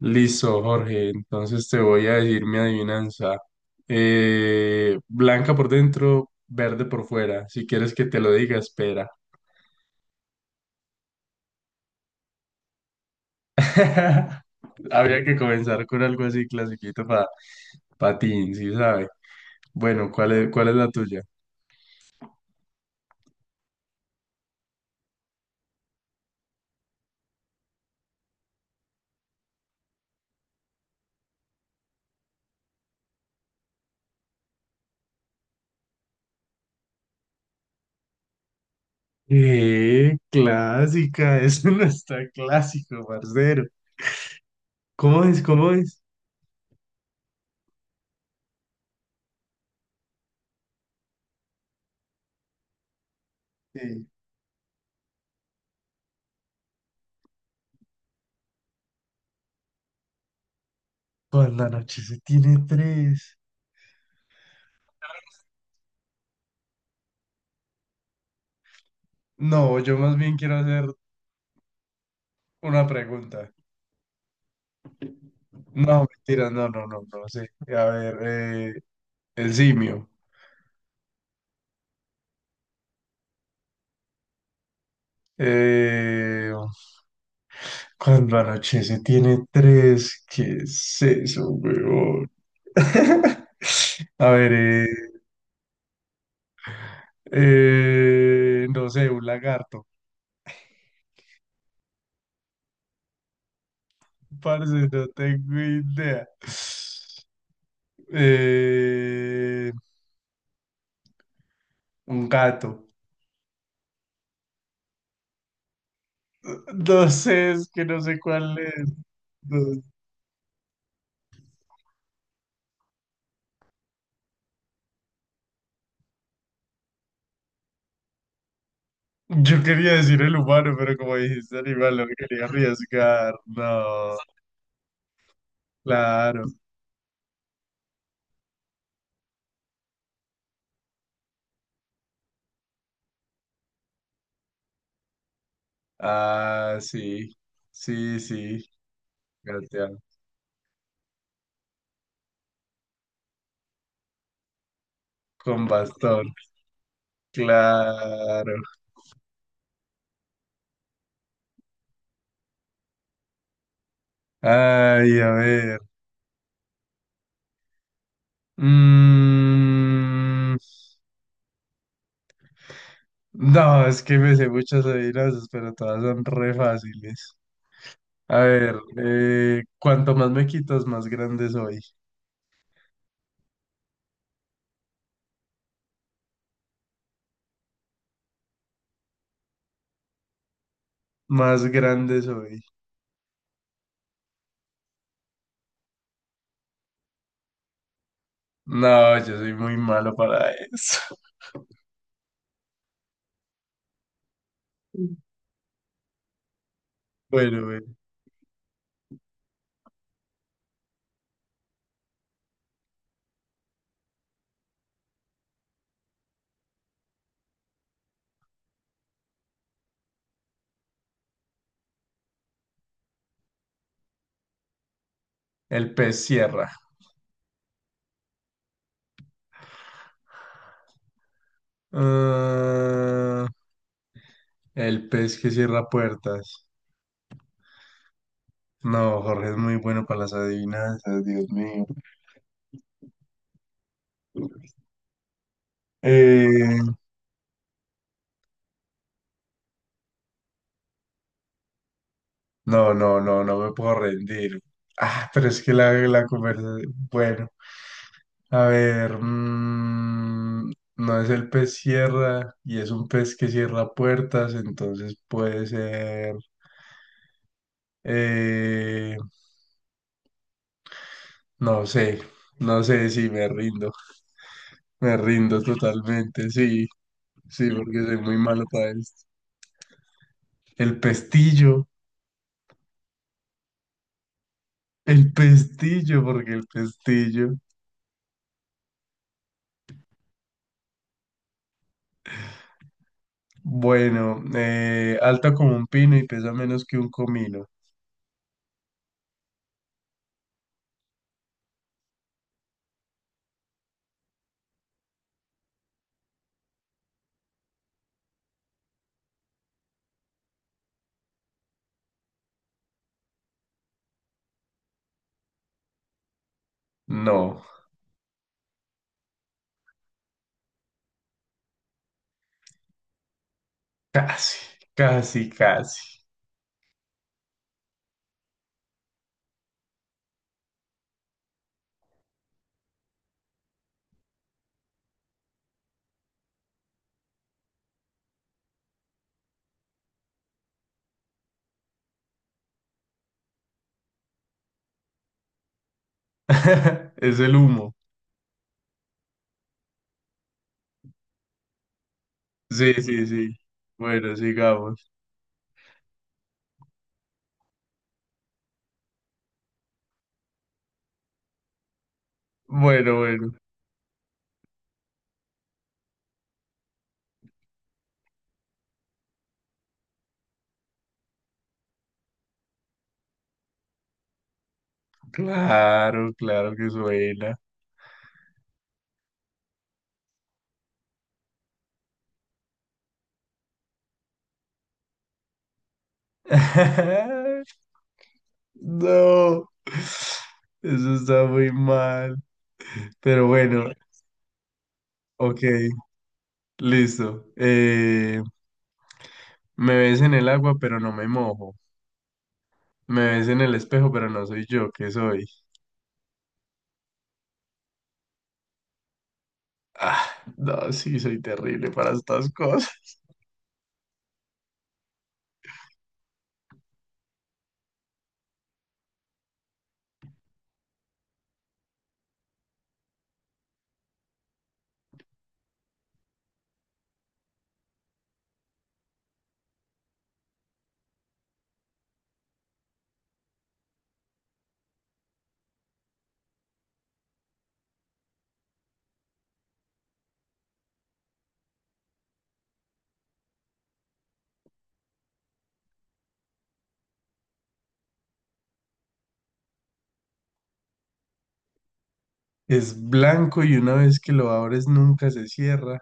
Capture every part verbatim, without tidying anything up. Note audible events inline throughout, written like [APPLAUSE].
Listo, Jorge. Entonces te voy a decir mi adivinanza. Eh, blanca por dentro, verde por fuera. Si quieres que te lo diga, espera. [LAUGHS] Habría que comenzar con algo así clasiquito para patín, ¿sí sabe? Bueno, ¿cuál es, cuál es la tuya? Eh, clásica, [LAUGHS] eso no está clásico, parcero. ¿Cómo es? ¿Cómo es? Eh, Cuando la noche se tiene tres. No, yo más bien quiero hacer una pregunta. No, mentira, no, no, no, no, sí. A ver, eh, el simio. Eh, Cuando anochece tiene tres, ¿qué es eso, weón? [LAUGHS] A ver, eh, eh, no sé, un lagarto. Parce, no tengo idea. Eh, un gato. No sé, es que no sé cuál es. No, yo quería decir el humano, pero como dijiste animal, no me quería arriesgar. No, claro. Ah, sí. Sí, sí. Gatear con bastón. Claro. Ay, a ver. Mm, no, es que me sé muchas adivinanzas, pero todas son re fáciles. A ver, eh, cuanto más me quitas, más grande soy. Más grande soy. No, yo soy muy malo para eso. [LAUGHS] Bueno, bueno, el pez cierra. Ah, el pez que cierra puertas. No, Jorge es muy bueno para las adivinanzas, Dios mío. Eh, no, no, no, no me puedo rendir. Ah, pero es que la, la conversación. Bueno, a ver. Mm, no es el pez cierra y es un pez que cierra puertas, entonces puede ser. eh, no sé, no sé si me rindo. Me rindo totalmente, sí, sí, porque soy muy malo para esto. El pestillo, el pestillo, porque el pestillo. Bueno, eh, alta como un pino y pesa menos que un comino. No, casi, casi, casi. [LAUGHS] Es el humo. Sí, sí, sí. Bueno, sigamos. Bueno, bueno. Claro, claro que suena. [LAUGHS] No, eso está muy mal. Pero bueno, ok, listo. Eh, me ves en el agua, pero no me mojo. Me ves en el espejo, pero no soy yo, ¿qué soy? Ah, no, sí, soy terrible para estas cosas. [LAUGHS] Es blanco y una vez que lo abres nunca se cierra.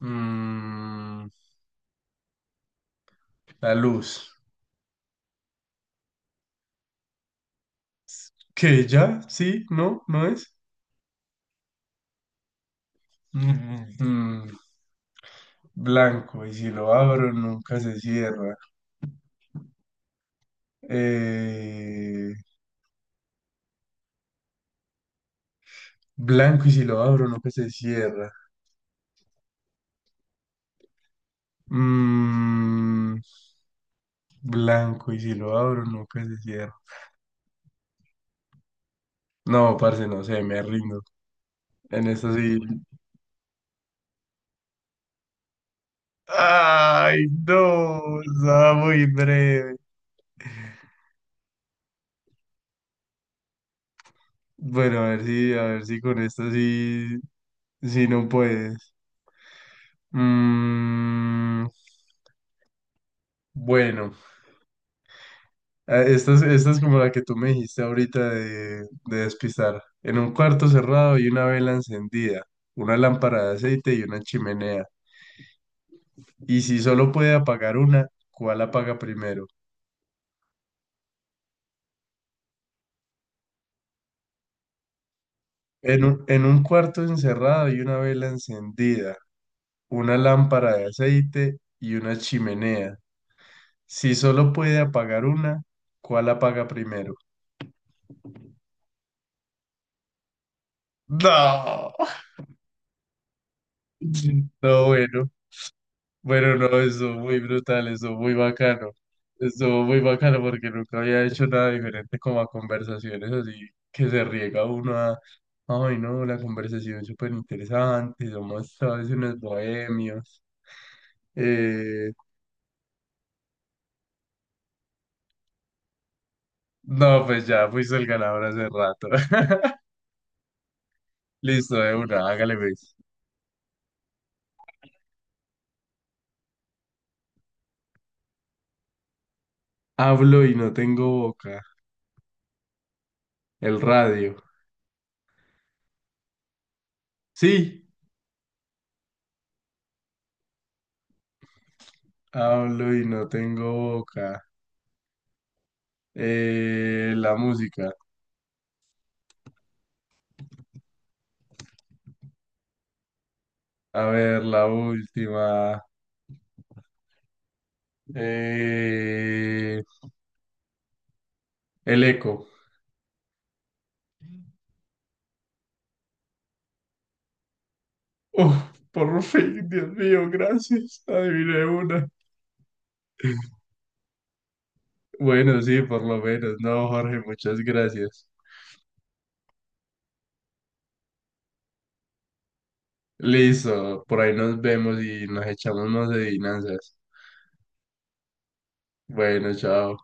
Mm, la luz. ¿Qué ya? ¿Sí? ¿No? ¿No es? Mm, mm, blanco y si lo abro nunca se cierra. Eh, Blanco y si lo abro nunca se cierra. Mm, blanco, y si lo abro, nunca se cierra. No, parce, no sé, me rindo. En eso sí. Ay, no, estaba muy breve. Bueno, a ver si, a ver si con esto sí, sí no puedes. Mm, bueno, eh, esta es, esta es como la que tú me dijiste ahorita de, de despistar. En un cuarto cerrado y una vela encendida, una lámpara de aceite y una chimenea. Y si solo puede apagar una, ¿cuál apaga primero? En un, en un cuarto encerrado hay una vela encendida, una lámpara de aceite y una chimenea. Si solo puede apagar una, ¿cuál apaga primero? No, [LAUGHS] no, bueno. Bueno, no, estuvo muy brutal, estuvo muy bacano. Estuvo muy bacano porque nunca había hecho nada diferente como a conversaciones así que se riega uno a, ay no, la conversación es súper interesante, somos todos unos bohemios. Eh, no, pues ya fuiste el ganador hace rato. [LAUGHS] Listo, de una, hágale pues. Hablo y no tengo boca. El radio. Sí, hablo y no tengo boca. Eh, la música. A ver, la última. Eh, el eco. Uf, por fin, Dios mío, gracias. Adiviné una. Bueno, sí, por lo menos. No, Jorge, muchas gracias. Listo, por ahí nos vemos y nos echamos más adivinanzas. Bueno, chao.